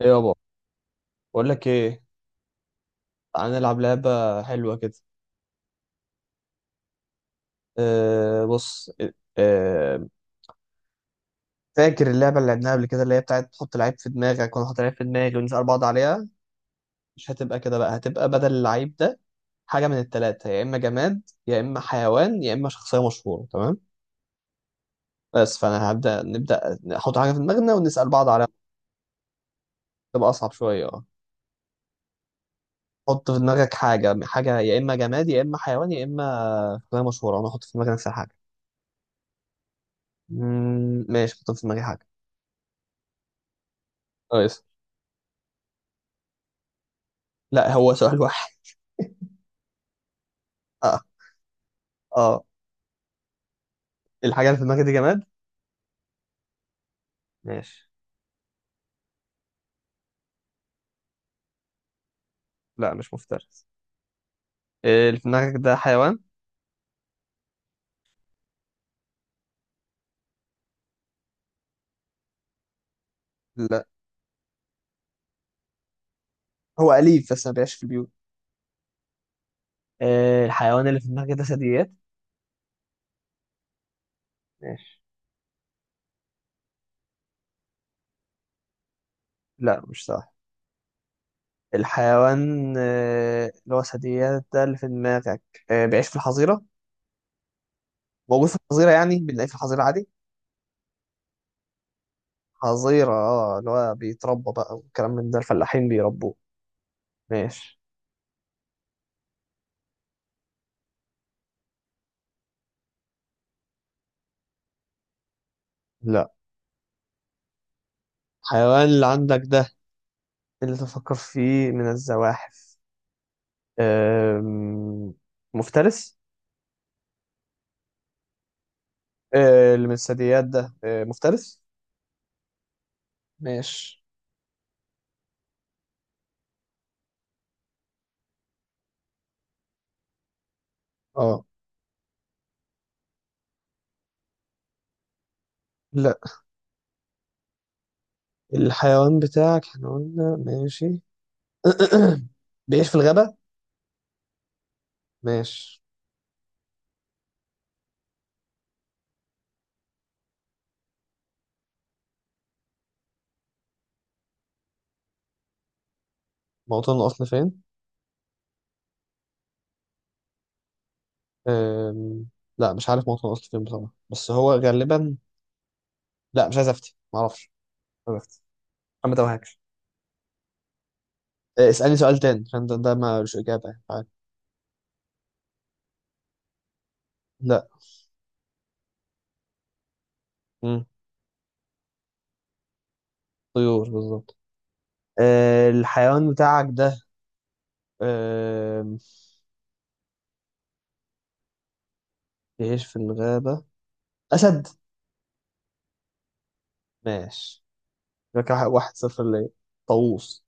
ايه يابا. بقول لك ايه. تعال نلعب لعبه حلوه كده. بص. أه فاكر اللعبه اللي لعبناها قبل كده، اللي هي بتاعت تحط لعيب في دماغك وانا احط لعيب في دماغي ونسال بعض عليها؟ مش هتبقى كده بقى، هتبقى بدل اللعيب ده حاجه من الثلاثه: يا اما جماد يا اما حيوان يا اما شخصيه مشهوره. تمام؟ بس فانا هبدا نبدا نحط حاجه في دماغنا ونسال بعض عليها. تبقى اصعب شويه، اه. حط في دماغك حاجه، حاجه يا اما جماد يا اما حيوان يا اما شخصيه مشهوره، انا احط في دماغي نفس الحاجه. ماشي، حط في دماغي حاجه. كويس. لا، هو سؤال واحد. اه. اه. الحاجة اللي في دماغك دي جماد؟ ماشي. لا، مش مفترس. اللي في دماغك ده حيوان. لا، هو أليف بس ما بيعيش في البيوت. الحيوان اللي في دماغك ده ثدييات؟ ماشي. لا، مش صح. الحيوان اللي هو ثدييات ده اللي في دماغك، بيعيش في الحظيرة؟ موجود في الحظيرة يعني، بنلاقيه في الحظيرة عادي. حظيرة اه، اللي هو بيتربى بقى والكلام من ده، الفلاحين بيربوه. ماشي. لا. الحيوان اللي عندك ده، اللي تفكر فيه من الزواحف، آم، مفترس. اللي من الثدييات ده مفترس. ماشي. اه. لا. الحيوان بتاعك احنا قلنا ماشي. بيعيش في الغابة. ماشي. موطن الأصل فين؟ أم... لا مش عارف موطن الأصل فين بصراحة، بس هو غالبا. لا، مش عايز أفتي، معرفش. مش عايز أفتي. أنا ما توهكش. اسألني سؤال تاني، عشان ده ملوش إجابة يعني، عارف. لا. مم. طيور، بالظبط. الحيوان بتاعك ده، أم، بيعيش في الغابة. أسد. ماشي. يبقى كده واحد صفر ليا. طاووس.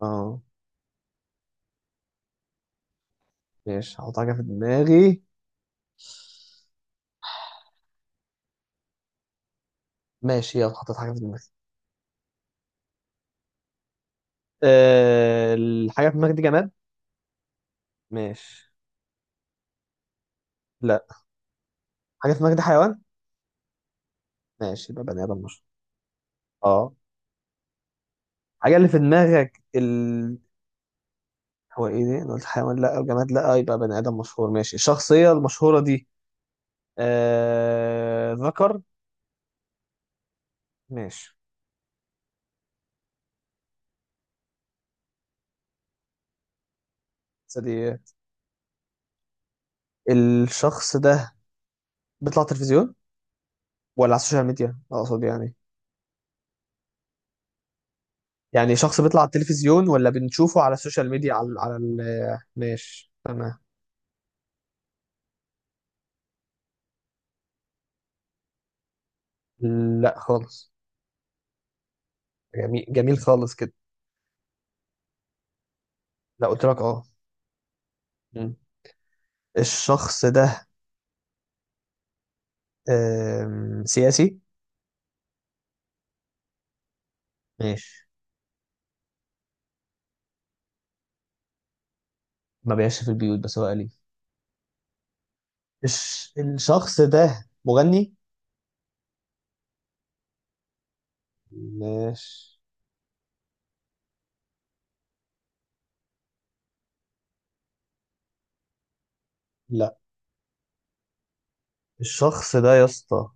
اه. ماشي، هحط حاجة في دماغي. ماشي، يلا حطيت حاجة في دماغي. أه، الحاجة في دماغي دي جماد؟ ماشي. لا. حاجة في دماغي دي حيوان؟ ماشي، يبقى بني آدم مش. اه. الحاجة اللي في دماغك ال... هو ايه ده؟ انا قلت حيوان لا، الجماد لا، يبقى بني آدم مشهور. ماشي، الشخصية المشهورة دي ذكر؟ ماشي. بس دي، الشخص ده بيطلع تلفزيون، ولا على السوشيال ميديا اقصد، يعني؟ يعني شخص بيطلع على التلفزيون، ولا بنشوفه على السوشيال ميديا على ماشي تمام. لا خالص. جميل جميل خالص كده. لا، قلت لك اه. مم. الشخص ده سياسي؟ ماشي. ما بيعيش في البيوت، بس هو أليف. الشخص ده مغني؟ ماشي. لا. الشخص ده يا اسطى،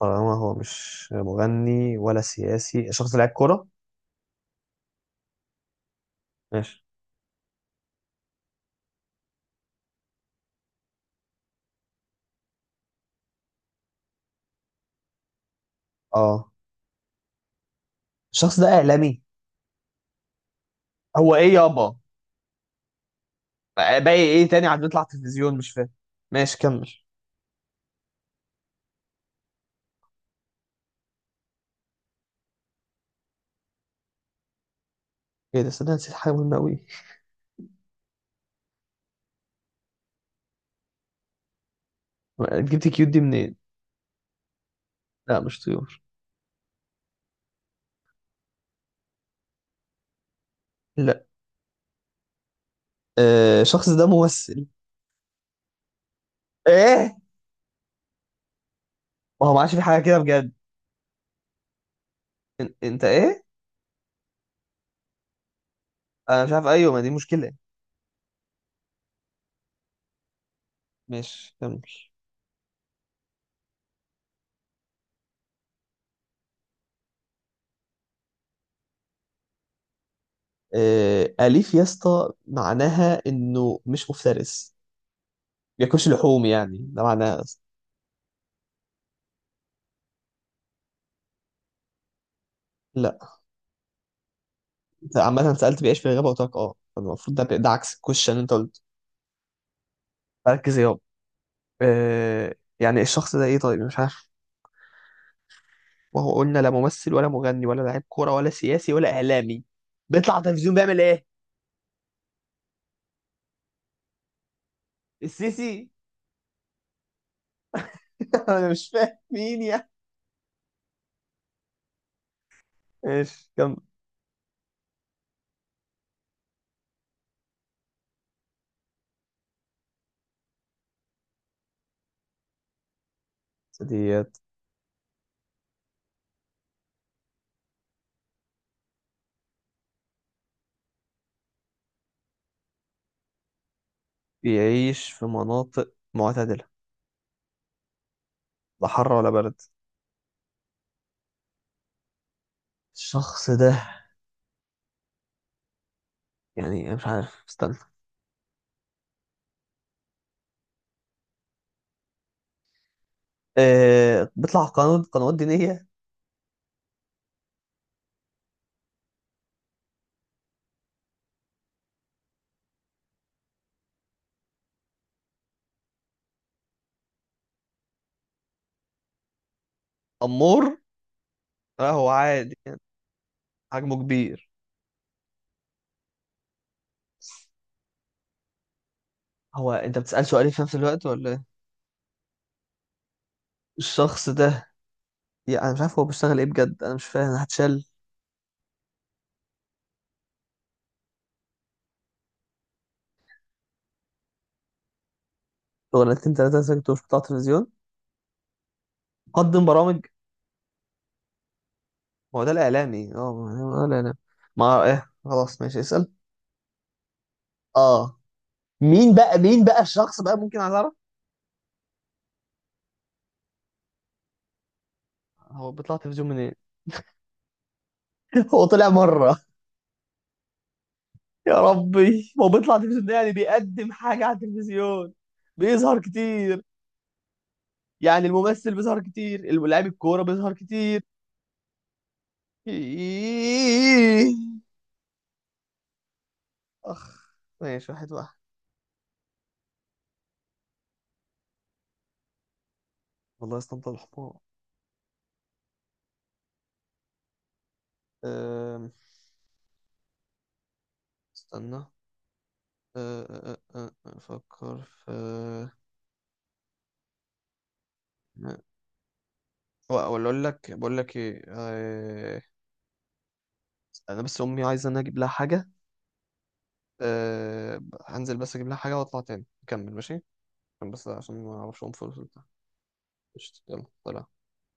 طالما هو مش مغني ولا سياسي، الشخص ده لعيب كورة؟ ماشي. اه. الشخص ده إعلامي؟ هو ايه يابا؟ باقي ايه تاني؟ عم بيطلع تلفزيون، مش فاهم. ماشي كمل. ايه ده، صدق نسيت حاجه مهمه قوي. جبت كيوت دي منين؟ لا مش طيور. لا. الشخص ده ممثل؟ ايه؟ ما هو ما عادش في حاجه كده بجد. انت ايه؟ انا مش عارف، ايوه، ما دي مشكله. ماشي كمل. آه، اليف يا اسطى معناها انه مش مفترس، بياكلش لحوم يعني، ده معناها أصلاً. لا. انت عامه سالت بيعيش في الغابه وقلت لك اه، فالمفروض ده عكس الكوشن اللي انت قلت. ركز يابا. آه، يعني الشخص ده ايه طيب، مش عارف. وهو قلنا لا ممثل ولا مغني ولا لاعب كوره ولا سياسي ولا اعلامي، بيطلع على التلفزيون بيعمل ايه؟ السيسي؟ انا مش فاهم مين يعني. ايش كم ديت. بيعيش في مناطق معتدله، لا حر ولا برد. الشخص ده يعني مش عارف، استنى. آه، بيطلع قنوات، قنوات دينيه؟ امور. لا، هو عادي، حجمه كبير. هو انت بتسأل سؤالين في نفس الوقت ولا ايه؟ الشخص ده يعني انا مش عارف هو بيشتغل ايه بجد، انا مش فاهم، هتشال. شغلانتين تلاتة ساكت ومش بتاع تلفزيون. قدم برامج. هو ده الإعلامي، اه الإعلامي. ما ايه، خلاص ماشي اسأل. اه. مين بقى، مين بقى الشخص بقى، ممكن عايز اعرف. هو بيطلع تلفزيون منين؟ هو طلع مرة. يا ربي، هو بيطلع تلفزيون ده يعني بيقدم حاجة على التلفزيون، بيظهر كتير. يعني الممثل بيظهر كتير، اللاعب الكورة بيظهر كتير. إيه. اخ. ماشي، واحد واحد. والله استنطع الحمار. أم، استنى. أه، أه، أه، أه، افكر في ولا اقول لك، بقول لك ايه آه، انا بس امي عايزه انا اجيب لها حاجه. أه... هنزل بس اجيب لها حاجه واطلع تاني نكمل، ماشي؟ عشان ما اعرفش اقوم فلوس وبتاع. قشطة، يلا سلام.